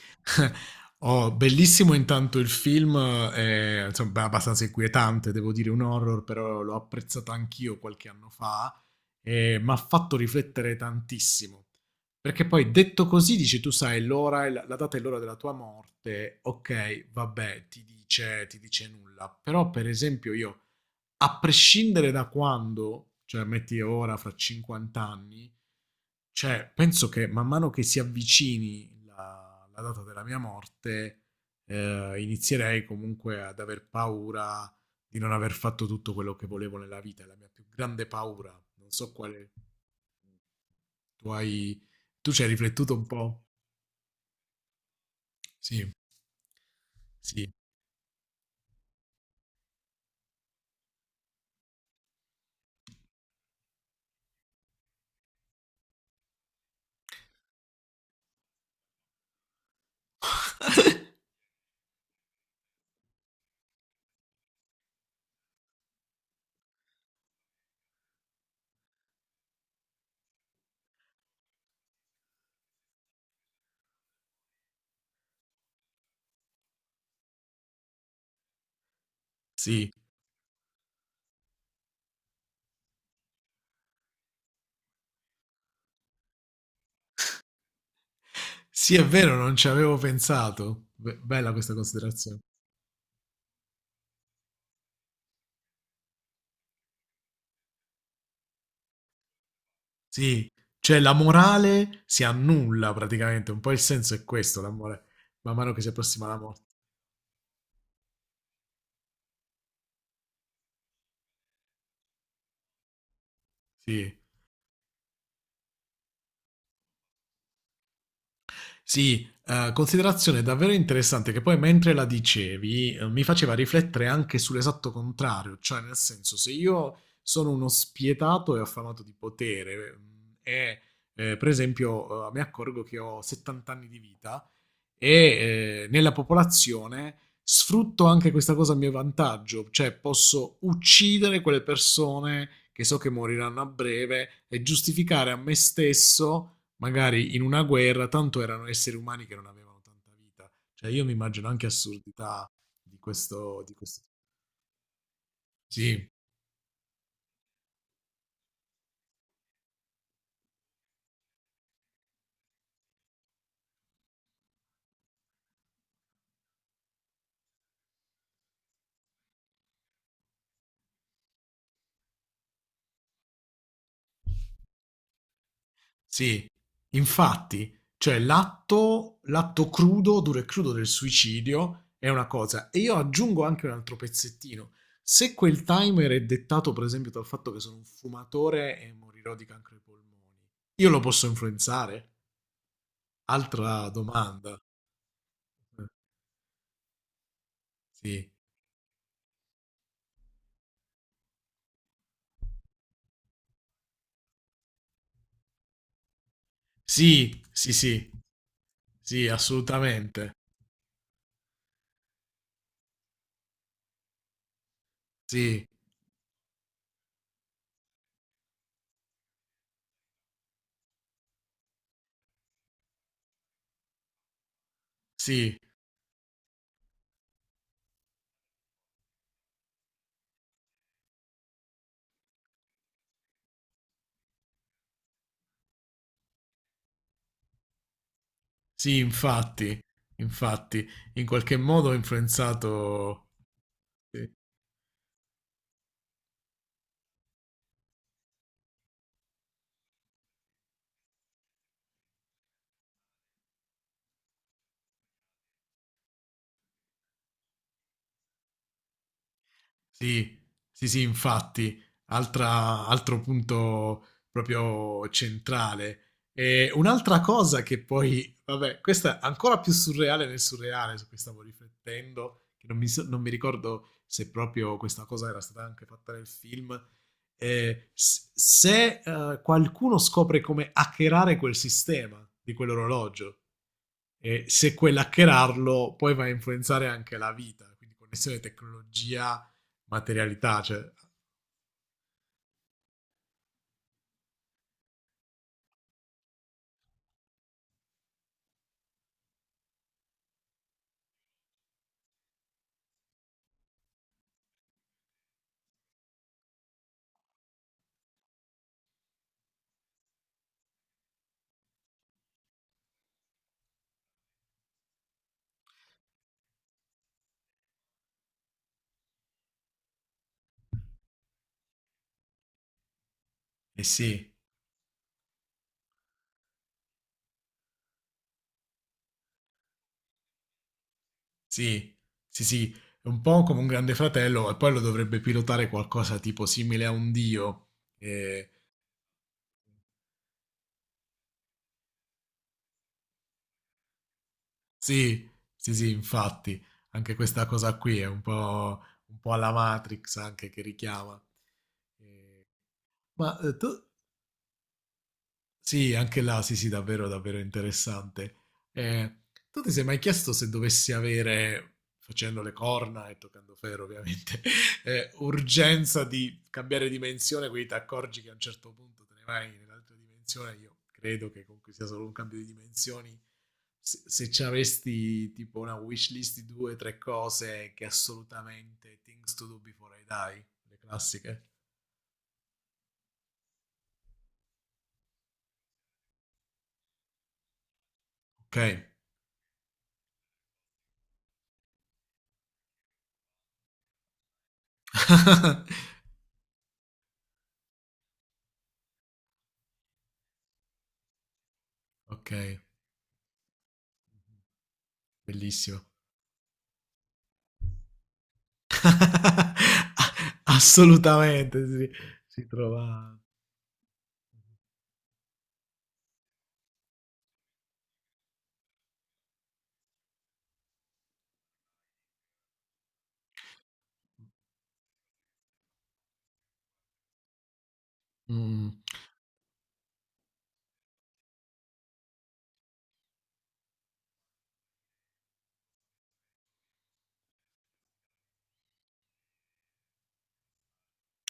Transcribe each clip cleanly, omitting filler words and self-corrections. Oh, bellissimo intanto il film, è, insomma, beh, abbastanza inquietante, devo dire un horror, però l'ho apprezzato anch'io qualche anno fa e mi ha fatto riflettere tantissimo. Perché poi detto così, dici tu sai l'ora, e la data e l'ora della tua morte, ok, vabbè, ti dice nulla. Però per esempio io a prescindere da quando, cioè metti ora fra 50 anni, cioè penso che man mano che si avvicini la data della mia morte, inizierei comunque ad aver paura di non aver fatto tutto quello che volevo nella vita. È la mia più grande paura. Non so quale tu hai. Tu ci hai riflettuto un po'? Sì, sì, sì. Sì, è vero, non ci avevo pensato. Be- bella questa considerazione. Sì, cioè la morale si annulla praticamente, un po' il senso è questo, l'amore, man mano che si approssima la morte. Sì, sì, considerazione davvero interessante che poi mentre la dicevi mi faceva riflettere anche sull'esatto contrario, cioè nel senso se io sono uno spietato e affamato di potere per esempio mi accorgo che ho 70 anni di vita, nella popolazione sfrutto anche questa cosa a mio vantaggio, cioè posso uccidere quelle persone che so che moriranno a breve e giustificare a me stesso, magari in una guerra, tanto erano esseri umani che non avevano tanta vita. Cioè io mi immagino anche assurdità di questo. Sì, sì, infatti, cioè l'atto crudo, duro e crudo del suicidio è una cosa. E io aggiungo anche un altro pezzettino. Se quel timer è dettato, per esempio, dal fatto che sono un fumatore e morirò di cancro ai polmoni, io lo posso influenzare? Altra domanda. Eh, Sì, sì, sì, sì, sì, assolutamente. Sì, sì, sì, infatti, infatti, in qualche modo ho influenzato. Sì. Sì, sì, sì, infatti, altra- altro punto proprio centrale. E un'altra cosa che poi, vabbè, questa è ancora più surreale nel surreale, su cui stavo riflettendo, che non mi, so- non mi ricordo se proprio questa cosa era stata anche fatta nel film, s- se qualcuno scopre come hackerare quel sistema di quell'orologio e se quell'hackerarlo poi va a influenzare anche la vita, quindi connessione tecnologia materialità, cioè, eh sì, sì, sì, sì, è un po' come un grande fratello e poi lo dovrebbe pilotare qualcosa tipo simile a un dio. Eh, sì, sì, sì, infatti, anche questa cosa qui è un po' alla Matrix anche che richiama. Ma tu sì, anche là, sì, sì, davvero, davvero interessante. Eh, tu ti sei mai chiesto se dovessi avere, facendo le corna e toccando ferro ovviamente, urgenza di cambiare dimensione, quindi ti accorgi che a un certo punto te ne vai nell'altra dimensione, io credo che comunque sia solo un cambio di dimensioni, se ci avessi tipo una wish list di due o tre cose che assolutamente things to do before I die, le classiche. Ok. Ok, bellissimo. Assolutamente sì, si trova mhmm,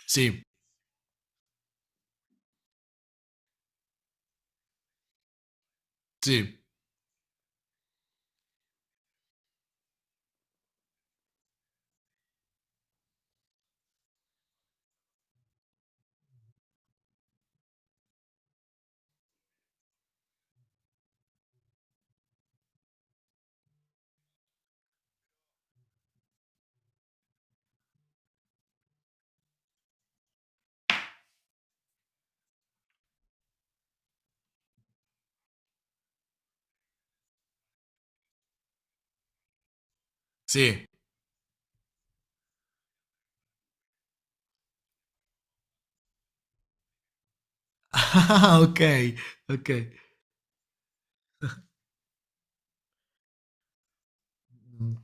sì, sì, sì. Ah, okay, okay. Mh,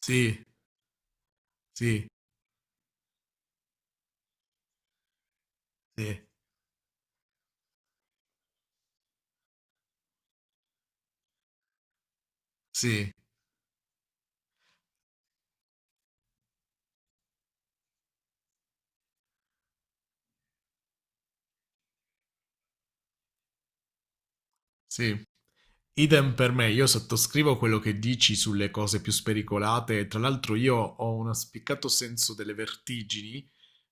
sì, sì, sì, sì, sì. Idem per me, io sottoscrivo quello che dici sulle cose più spericolate. Tra l'altro io ho un spiccato senso delle vertigini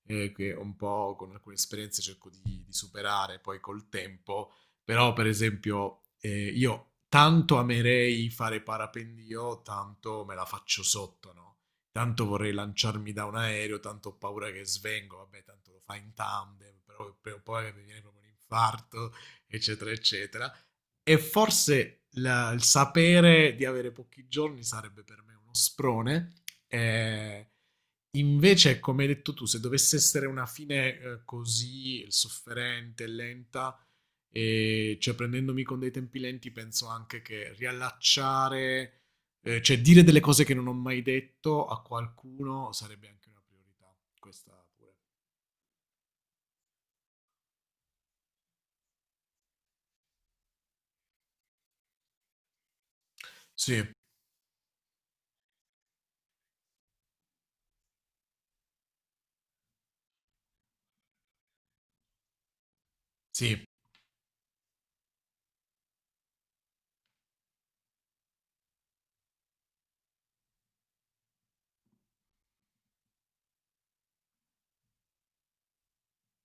che un po' con alcune esperienze cerco di superare poi col tempo, però per esempio io tanto amerei fare parapendio, tanto me la faccio sotto, no? Tanto vorrei lanciarmi da un aereo, tanto ho paura che svengo, vabbè, tanto lo fa in tandem, però poi mi viene proprio un infarto, eccetera, eccetera. E forse la- il sapere di avere pochi giorni sarebbe per me uno sprone. Eh, invece, come hai detto tu, se dovesse essere una fine così sofferente, lenta, e cioè prendendomi con dei tempi lenti, penso anche che riallacciare, cioè dire delle cose che non ho mai detto a qualcuno sarebbe anche una priorità. Questa pure. Sì, sì.